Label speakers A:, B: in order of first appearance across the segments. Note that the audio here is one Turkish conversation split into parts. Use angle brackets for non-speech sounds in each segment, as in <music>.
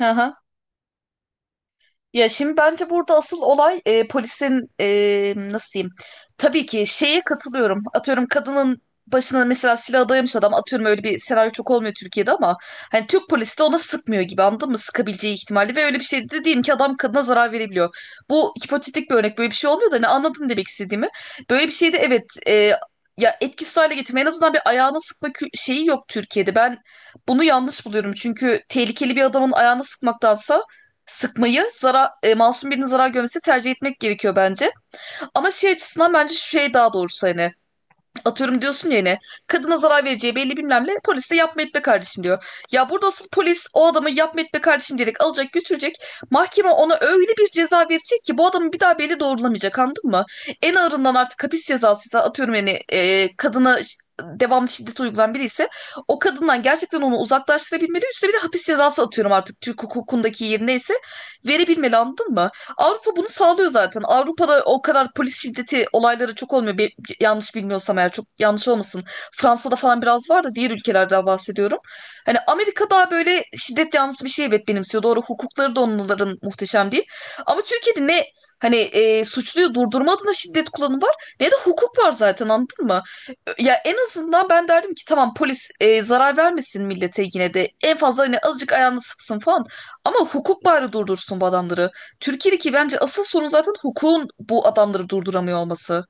A: Aha. Ya şimdi bence burada asıl olay polisin nasıl diyeyim? Tabii ki şeye katılıyorum. Atıyorum kadının başına mesela silah dayamış adam, atıyorum öyle bir senaryo çok olmuyor Türkiye'de, ama hani Türk polisi de ona sıkmıyor gibi, anladın mı? Sıkabileceği ihtimali ve öyle bir şey de diyeyim ki adam kadına zarar verebiliyor. Bu hipotetik bir örnek, böyle bir şey olmuyor da hani anladın demek istediğimi. Böyle bir şeyde evet, ya etkisiz hale getirme, en azından bir ayağına sıkma şeyi yok Türkiye'de. Ben bunu yanlış buluyorum, çünkü tehlikeli bir adamın ayağına sıkmaktansa masum birinin zarar görmesi tercih etmek gerekiyor bence. Ama şey açısından bence şu şey, daha doğrusu hani atıyorum diyorsun ya, yine kadına zarar vereceği belli, bilmem ne, polis de yapma etme kardeşim diyor. Ya burada asıl polis o adamı yapma etme kardeşim diyerek alacak götürecek. Mahkeme ona öyle bir ceza verecek ki bu adamı bir daha belli doğrulamayacak, anladın mı? En ağırından artık hapis cezası ise, atıyorum yani, kadına devamlı şiddet uygulayan biri ise o kadından gerçekten onu uzaklaştırabilmeli. Üstüne bir de hapis cezası, atıyorum artık Türk hukukundaki yerine ise, verebilmeli, anladın mı? Avrupa bunu sağlıyor zaten. Avrupa'da o kadar polis şiddeti olayları çok olmuyor. Bir, yanlış bilmiyorsam eğer, çok yanlış olmasın. Fransa'da falan biraz var da, diğer ülkelerden bahsediyorum. Hani Amerika daha böyle şiddet yanlısı bir şey evet benimsiyor. Doğru, hukukları da onların muhteşem değil. Ama Türkiye'de ne hani suçluyu durdurma adına şiddet kullanımı var, ne de hukuk var zaten, anladın mı? Ya en azından ben derdim ki tamam, polis zarar vermesin millete yine de. En fazla hani azıcık ayağını sıksın falan. Ama hukuk bari durdursun bu adamları. Türkiye'deki bence asıl sorun zaten hukukun bu adamları durduramıyor olması.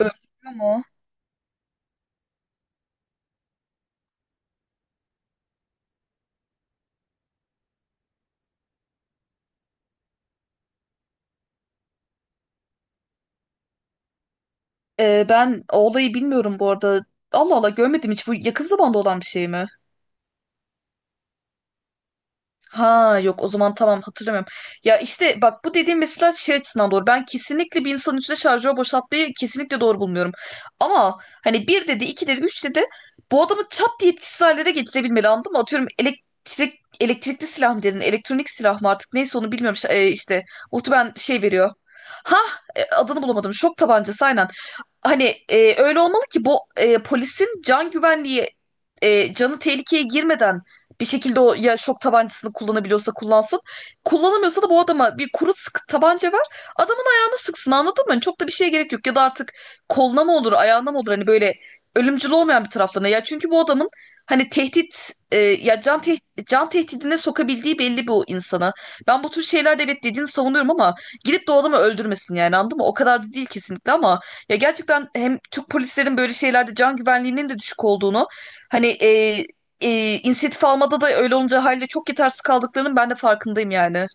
A: Öldürüyor mu? Ben o olayı bilmiyorum bu arada. Allah Allah, görmedim hiç. Bu yakın zamanda olan bir şey mi? Ha yok, o zaman tamam, hatırlamıyorum. Ya işte bak, bu dediğim mesela şey açısından doğru. Ben kesinlikle bir insanın üstüne şarjör boşaltmayı kesinlikle doğru bulmuyorum. Ama hani bir dedi, iki dedi, üç dedi, bu adamı çat diye etkisiz hale de getirebilmeli, anladın mı? Atıyorum, elektrikli silah mı dedin? Elektronik silah mı artık, neyse onu bilmiyorum. İşte muhtemelen şey veriyor. Ha, adını bulamadım. Şok tabancası aynen. Hani öyle olmalı ki bu polisin can güvenliği, canı tehlikeye girmeden bir şekilde o, ya şok tabancasını kullanabiliyorsa kullansın. Kullanamıyorsa da bu adama bir kuru sık tabanca ver. Adamın ayağına sıksın, anladın mı? Hani çok da bir şeye gerek yok. Ya da artık koluna mı olur ayağına mı olur, hani böyle ölümcül olmayan bir taraflarına. Ya çünkü bu adamın hani tehdit e, ya can teh- can tehdidine sokabildiği belli bu insana. Ben bu tür şeylerde evet dediğini savunuyorum, ama gidip de o adamı öldürmesin yani, anladın mı? O kadar da değil kesinlikle, ama ya gerçekten hem Türk polislerin böyle şeylerde can güvenliğinin de düşük olduğunu, hani inisiyatif almada da öyle olunca haliyle çok yetersiz kaldıklarının ben de farkındayım yani.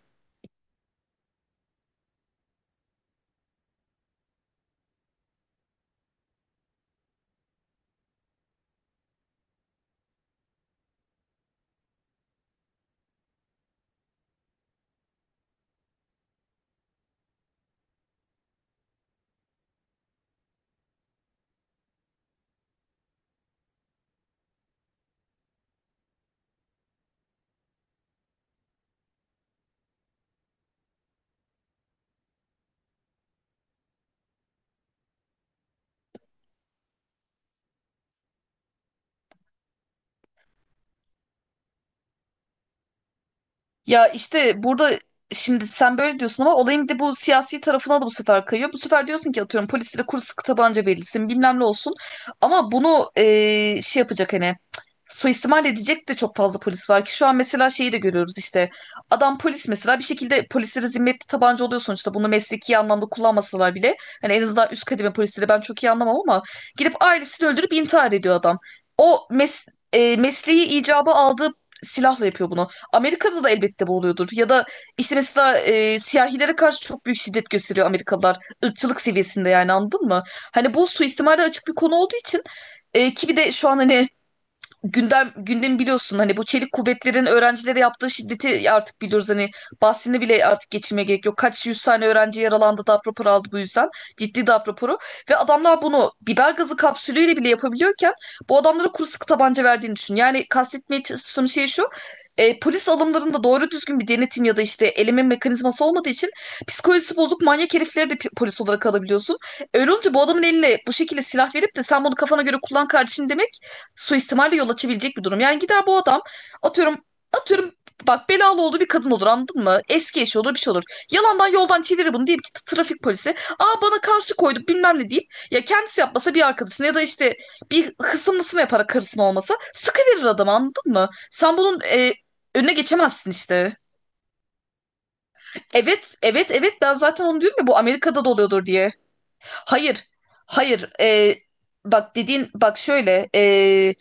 A: Ya işte burada şimdi sen böyle diyorsun, ama olayın bir de bu siyasi tarafına da bu sefer kayıyor. Bu sefer diyorsun ki atıyorum polislere kuru sıkı tabanca verilsin, bilmem ne olsun. Ama bunu şey yapacak, hani suistimal edecek de çok fazla polis var ki şu an. Mesela şeyi de görüyoruz işte, adam polis mesela bir şekilde polislere zimmetli tabanca oluyor sonuçta, bunu mesleki anlamda kullanmasalar bile hani en azından üst kademe polisleri ben çok iyi anlamam, ama gidip ailesini öldürüp intihar ediyor adam. O mes Mesleği icabı aldığı silahla yapıyor bunu. Amerika'da da elbette bu oluyordur. Ya da işte mesela siyahilere karşı çok büyük şiddet gösteriyor Amerikalılar. Irkçılık seviyesinde yani, anladın mı? Hani bu suistimale açık bir konu olduğu için, ki bir de şu an hani gündemi biliyorsun, hani bu çelik kuvvetlerin öğrencilere yaptığı şiddeti artık biliyoruz, hani bahsini bile artık geçirmeye gerek yok. Kaç yüz tane öğrenci yaralandı, darp raporu aldı bu yüzden. Ciddi darp raporu, ve adamlar bunu biber gazı kapsülüyle bile yapabiliyorken bu adamlara kuru sıkı tabanca verdiğini düşün. Yani kastetmeye çalıştığım şey şu, polis alımlarında doğru düzgün bir denetim ya da işte eleme mekanizması olmadığı için psikolojisi bozuk manyak herifleri de polis olarak alabiliyorsun. Öyle olunca bu adamın eline bu şekilde silah verip de sen bunu kafana göre kullan kardeşim demek, suistimale yol açabilecek bir durum. Yani gider bu adam atıyorum, atıyorum bak belalı olduğu bir kadın olur, anladın mı? Eski eşi olur, bir şey olur. Yalandan yoldan çevirir bunu deyip ki trafik polisi aa bana karşı koydu bilmem ne deyip, ya kendisi yapmasa bir arkadaşına, ya da işte bir hısımlısına yaparak, karısına olmasa sıkıverir adamı, anladın mı? Sen bunun önüne geçemezsin işte. Evet evet evet, ben zaten onu diyorum ya bu Amerika'da da oluyordur diye. Hayır hayır, bak dediğin, bak şöyle, e,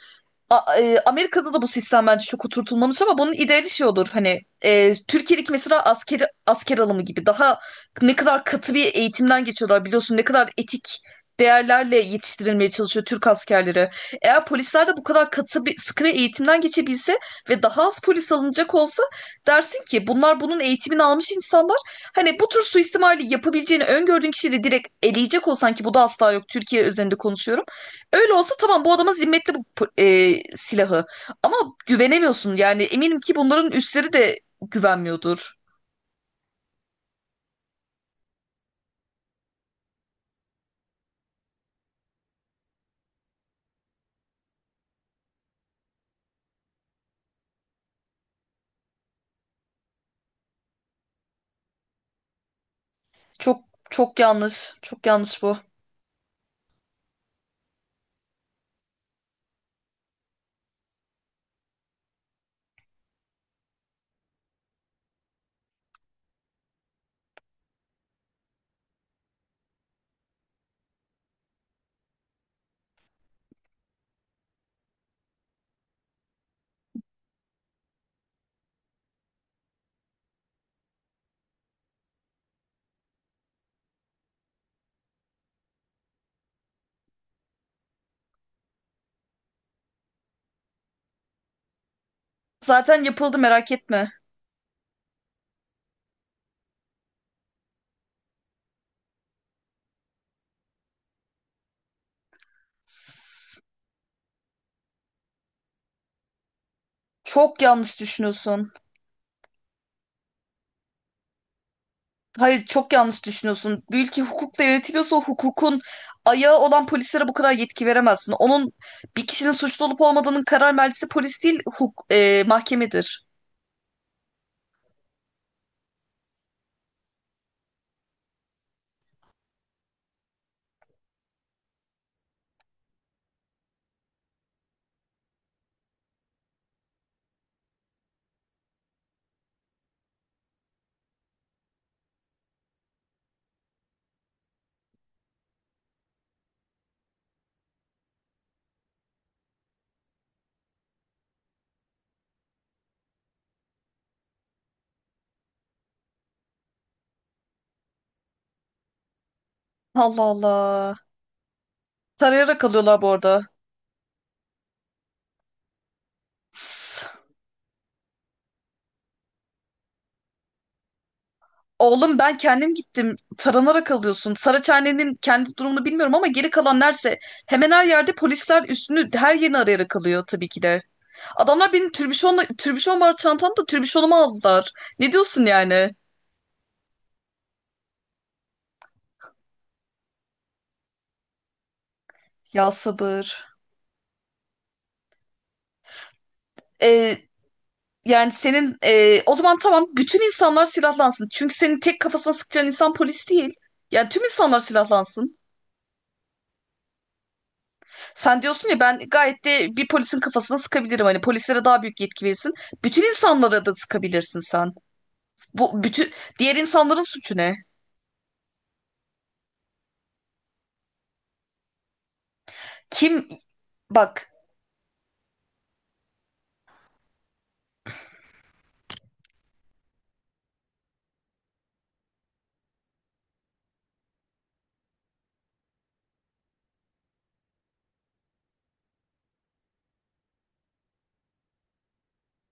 A: A- e, Amerika'da da bu sistem bence çok oturtulmamış, ama bunun ideali şey olur, hani Türkiye'deki mesela asker alımı gibi. Daha ne kadar katı bir eğitimden geçiyorlar biliyorsun, ne kadar etik değerlerle yetiştirilmeye çalışıyor Türk askerleri. Eğer polisler de bu kadar katı bir, sıkı bir eğitimden geçebilse ve daha az polis alınacak olsa, dersin ki bunlar bunun eğitimini almış insanlar. Hani bu tür suistimali yapabileceğini öngördüğün kişiyi de direkt eleyecek olsan, ki bu da asla yok, Türkiye üzerinde konuşuyorum. Öyle olsa tamam, bu adama zimmetli bu silahı. Ama güvenemiyorsun yani, eminim ki bunların üstleri de güvenmiyordur. Çok Çok yanlış. Çok yanlış bu. Zaten yapıldı, merak etme. S- Çok yanlış düşünüyorsun. Hayır çok yanlış düşünüyorsun. Bir ülke hukukla yönetiliyorsa, o hukukun ayağı olan polislere bu kadar yetki veremezsin. Onun, bir kişinin suçlu olup olmadığının karar mercisi polis değil, mahkemedir. Allah Allah. Tarayarak alıyorlar bu arada. Oğlum ben kendim gittim. Taranarak alıyorsun. Saraçhane'nin kendi durumunu bilmiyorum, ama geri kalan nerse hemen her yerde polisler üstünü her yerini arayarak alıyor tabii ki de. Adamlar benim türbüşonla, türbüşon var çantamda, türbüşonumu aldılar. Ne diyorsun yani? Ya sabır. Ee, Yani senin, o zaman tamam, bütün insanlar silahlansın. Çünkü senin tek kafasına sıkacağın insan polis değil. Yani tüm insanlar silahlansın. Sen diyorsun ya, ben gayet de bir polisin kafasına sıkabilirim. Hani polislere daha büyük yetki verirsin. Bütün insanlara da sıkabilirsin sen. Bu bütün Diğer insanların suçu ne? Kim, bak,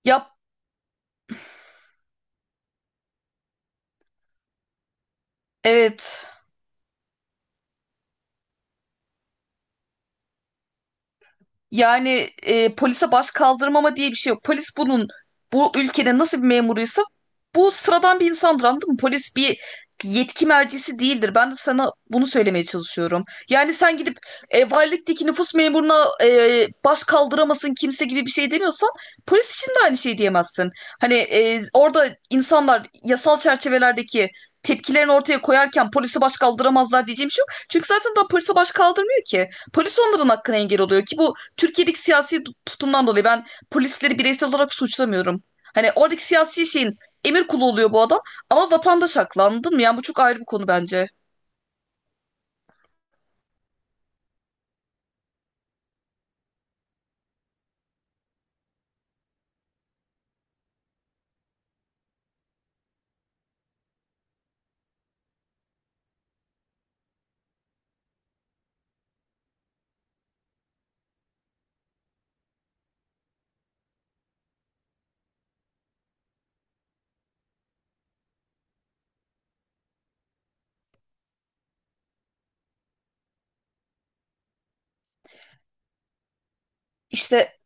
A: yap, evet. Yani polise baş kaldırmama diye bir şey yok. Polis bunun, bu ülkede nasıl bir memuruysa, bu sıradan bir insandır, anladın mı? Polis bir yetki mercisi değildir. Ben de sana bunu söylemeye çalışıyorum. Yani sen gidip valilikteki nüfus memuruna baş kaldıramasın kimse gibi bir şey demiyorsan, polis için de aynı şey diyemezsin. Hani orada insanlar yasal çerçevelerdeki tepkilerini ortaya koyarken polise baş kaldıramazlar diyeceğim bir şey yok. Çünkü zaten daha polise baş kaldırmıyor ki. Polis onların hakkına engel oluyor ki, bu Türkiye'deki siyasi tutumdan dolayı ben polisleri bireysel olarak suçlamıyorum. Hani oradaki siyasi şeyin emir kulu oluyor bu adam, ama vatandaş haklı, anladın mı? Yani bu çok ayrı bir konu bence. İşte,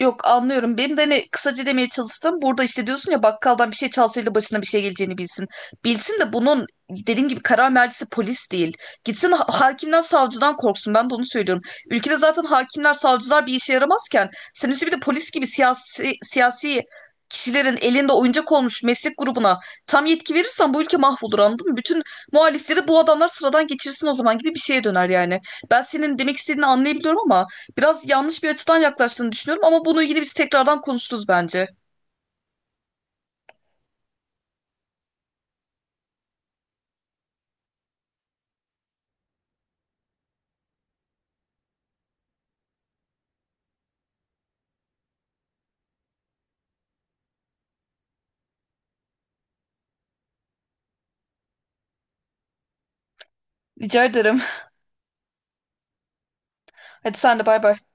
A: yok, anlıyorum. Benim de hani kısaca demeye çalıştım. Burada işte diyorsun ya, bakkaldan bir şey çalsaydı başına bir şey geleceğini bilsin. Bilsin de, bunun dediğim gibi karar mercisi polis değil. Gitsin hakimden savcıdan korksun. Ben de onu söylüyorum. Ülkede zaten hakimler savcılar bir işe yaramazken, sen üstü bir de polis gibi siyasi kişilerin elinde oyuncak olmuş meslek grubuna tam yetki verirsen bu ülke mahvolur, anladın mı? Bütün muhalifleri bu adamlar sıradan geçirsin o zaman, gibi bir şeye döner yani. Ben senin demek istediğini anlayabiliyorum, ama biraz yanlış bir açıdan yaklaştığını düşünüyorum, ama bunu ilgili biz tekrardan konuşuruz bence. Rica ederim. <laughs> Hadi sen de, bay bay.